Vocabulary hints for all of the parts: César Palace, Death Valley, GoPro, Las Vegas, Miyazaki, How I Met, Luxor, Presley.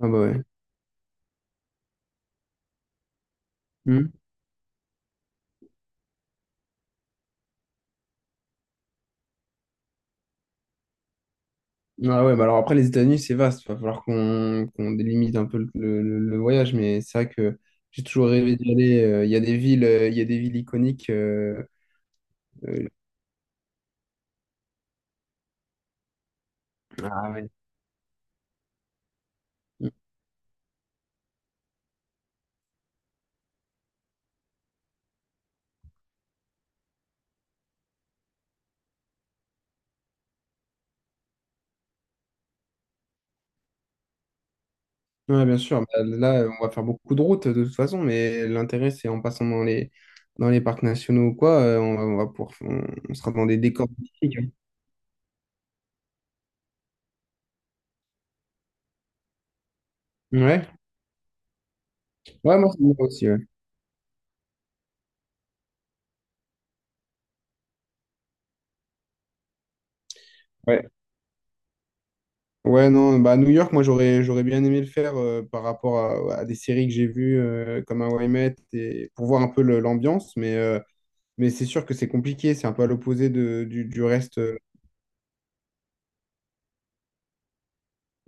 Ah bah ouais. Hmm. Ah ouais, bah alors après, les États-Unis, c'est vaste. Il va falloir qu'on délimite un peu le voyage, mais c'est vrai que j'ai toujours rêvé d'y aller. Il y a des villes, il y a des villes iconiques. Euh, Ah ouais. Ouais, bien sûr. Bah, là, on va faire beaucoup de routes de toute façon, mais l'intérêt, c'est en passant dans les parcs nationaux ou quoi, on va, on va pouvoir, on sera dans des décors magnifiques. Ouais, ouais, moi, c'est moi aussi. Ouais. Ouais. Ouais, non, bah, à New York, moi, j'aurais bien aimé le faire par rapport à des séries que j'ai vues comme How I Met et pour voir un peu l'ambiance, mais c'est sûr que c'est compliqué, c'est un peu à l'opposé du reste.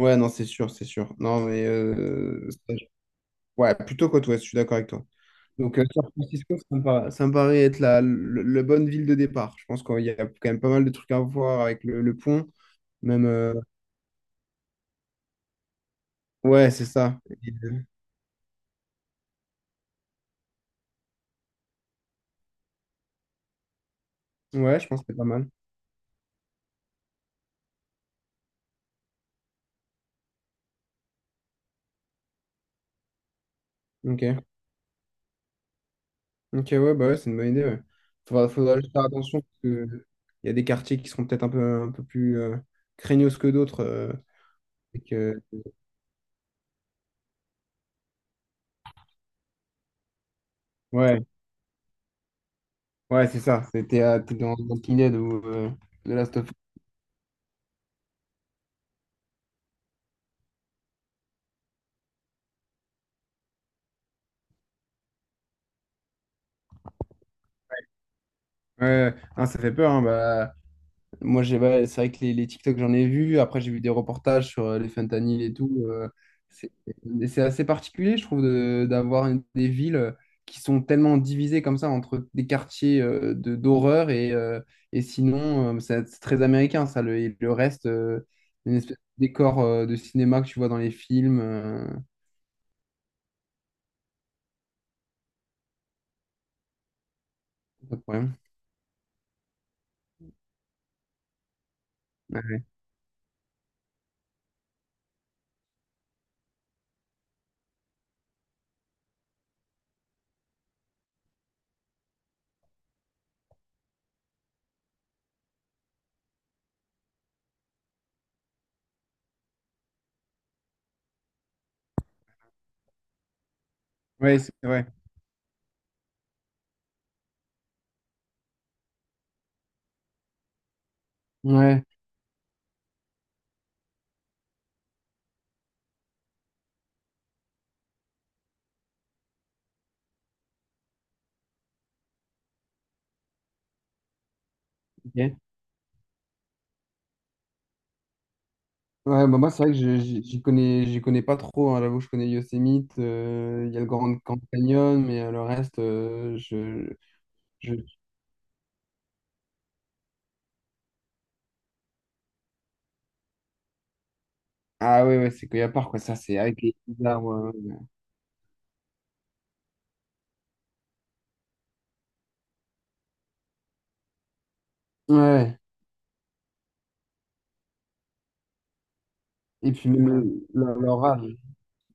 Ouais, non, c'est sûr, c'est sûr. Non, mais ça, ouais, plutôt côte ouest, je suis d'accord avec toi. Donc, San Francisco, ça me paraît être la, le bonne ville de départ. Je pense qu'il y a quand même pas mal de trucs à voir avec le pont, même. Ouais, c'est ça. Euh, Ouais, je pense que c'est pas mal. Ok. Ok, ouais, bah ouais, c'est une bonne idée. Ouais. Faudra juste faire attention parce que il y a des quartiers qui seront peut-être un peu plus craignos que d'autres. Et que... Ouais, ouais, c'est ça. C'était t'es dans Pinhead ou de Last of Us. Ouais, hein, ça fait peur, hein. Bah, moi, j'ai, ouais, c'est vrai que les TikTok, j'en ai vu. Après, j'ai vu des reportages sur les fentanyl et tout. C'est c'est assez particulier, je trouve, d'avoir des villes qui sont tellement divisées comme ça entre des quartiers de d'horreur et sinon, c'est très américain, ça. Le, et le reste, une espèce de décor de cinéma que tu vois dans les films. Pas de problème. Ouais. Ouais, c'est vrai. Ouais. Ok. Ouais, bah moi, c'est vrai que j'y connais pas trop, hein. J'avoue, je connais Yosemite, il y a le Grand Canyon, mais le reste, je... Ah ouais, ouais, c'est qu'il y a part, quoi. Ça, c'est avec les petits arbres. Ouais. Ouais. Et puis même leur âge,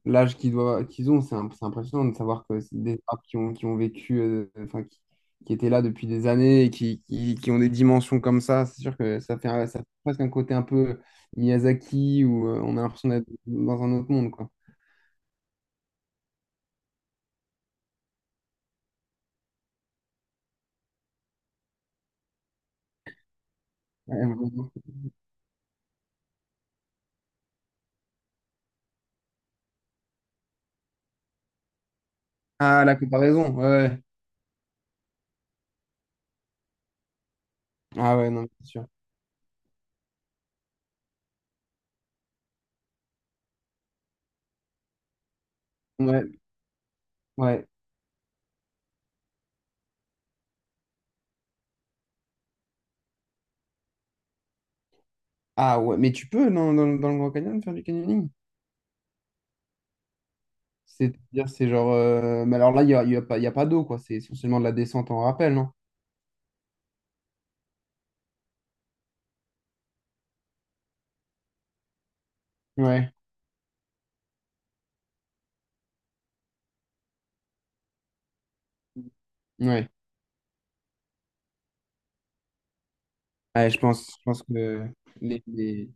l'âge qu'ils doivent, qu'ils ont, c'est c'est impressionnant de savoir que c'est des arbres qui ont vécu, qui étaient là depuis des années et qui ont des dimensions comme ça. C'est sûr que ça fait, ça fait presque un côté un peu Miyazaki où on a l'impression d'être dans un autre monde, quoi. Ouais. Ah, la comparaison, ouais, ouais. Ah ouais, non, mais c'est sûr. Ouais, ouais. Ah ouais, mais tu peux dans le Grand Canyon faire du canyoning? C'est-à-dire, c'est genre... mais alors là, il y a pas, il y a pas d'eau, quoi. C'est essentiellement de la descente en rappel, non? Ouais, ouais. Ouais, je pense que les, les-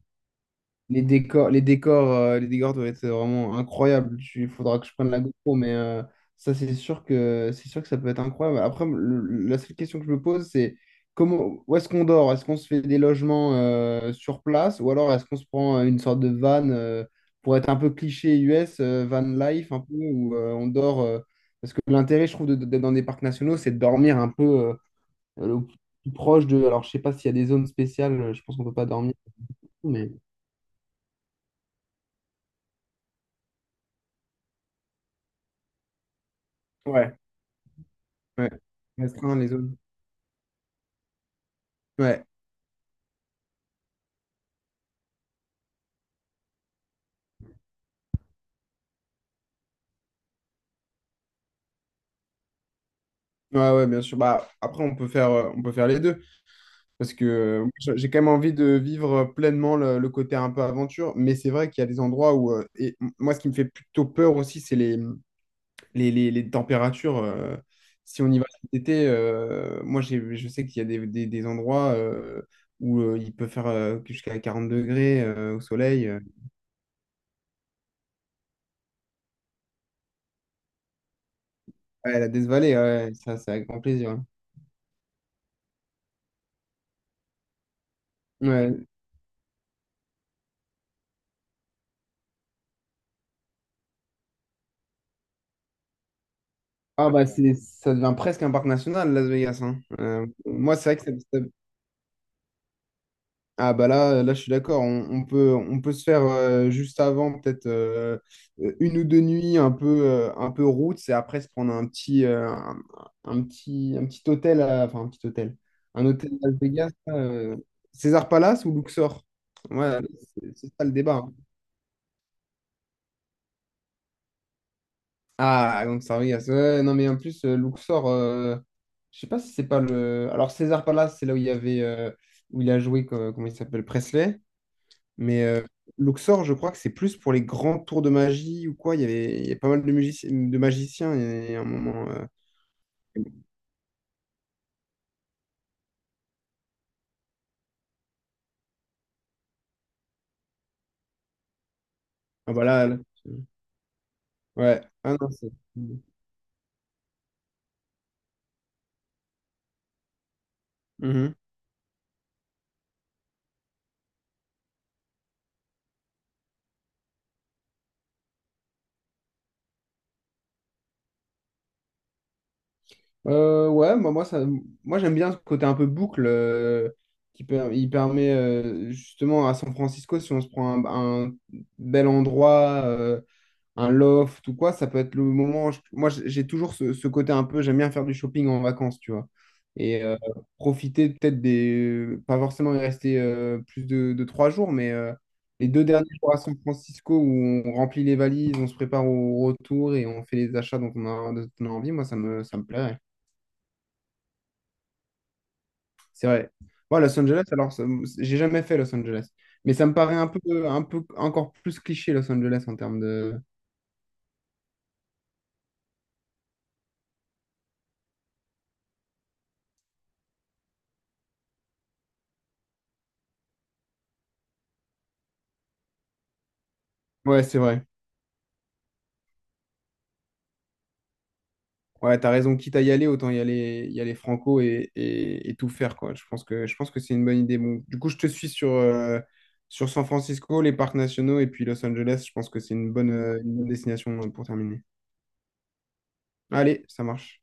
les décors, les décors doivent être vraiment incroyables. Il faudra que je prenne la GoPro, mais ça, c'est sûr que ça peut être incroyable. Après, la seule question que je me pose, c'est comment, où est-ce qu'on dort? Est-ce qu'on se fait des logements sur place ou alors est-ce qu'on se prend une sorte de van pour être un peu cliché US, van life un peu où on dort, parce que l'intérêt, je trouve, d'être dans des parcs nationaux, c'est de dormir un peu au plus proche de. Alors, je sais pas s'il y a des zones spéciales. Je pense qu'on peut pas dormir, mais. Ouais. Ouais, restreindre les zones. Ouais, ouais, ouais, bien sûr. Bah, après, on peut faire les deux. Parce que j'ai quand même envie de vivre pleinement le côté un peu aventure. Mais c'est vrai qu'il y a des endroits où. Et moi, ce qui me fait plutôt peur aussi, c'est les températures. Si on y va cet été, moi, j'ai, je sais qu'il y a des endroits où il peut faire jusqu'à 40 degrés au soleil. Ouais, la Death Valley, ouais, ça, c'est avec grand plaisir, hein. Ouais. Ah bah c'est ça devient presque un parc national, Las Vegas, hein. Moi c'est vrai que ah bah là là je suis d'accord, on peut, on peut se faire juste avant peut-être une ou deux nuits un peu route et après se prendre un petit un petit un petit hôtel enfin un petit hôtel, un hôtel Las Vegas là, César Palace ou Luxor, ouais, c'est ça le débat, hein. Ah, donc Gonçalves, ouais, non mais en plus, Luxor, je sais pas si c'est pas le... Alors César Palace, c'est là où il y avait, où il a joué, comment il s'appelle, Presley, mais Luxor, je crois que c'est plus pour les grands tours de magie ou quoi, il y a pas mal de, de magiciens, et à un moment... Ah voilà, ouais, ah non, c'est... Mhm. Ouais, moi j'aime bien ce côté un peu boucle, il permet justement à San Francisco, si on se prend un bel endroit, un loft ou quoi, ça peut être le moment. Moi, j'ai toujours ce côté un peu, j'aime bien faire du shopping en vacances, tu vois. Et profiter peut-être des. Pas forcément y rester plus de 3 jours, mais les deux derniers jours à San Francisco où on remplit les valises, on se prépare au retour et on fait les achats dont on a, dont on a envie, moi, ça me plairait. C'est vrai. Ouais, Los Angeles, alors, j'ai jamais fait Los Angeles. Mais ça me paraît un peu encore plus cliché, Los Angeles, en termes de. Ouais, c'est vrai. Ouais, t'as raison. Quitte à y aller, autant y aller franco et tout faire, quoi. Je pense que c'est une bonne idée. Bon, du coup, je te suis sur, sur San Francisco, les parcs nationaux et puis Los Angeles. Je pense que c'est une bonne destination pour terminer. Allez, ça marche.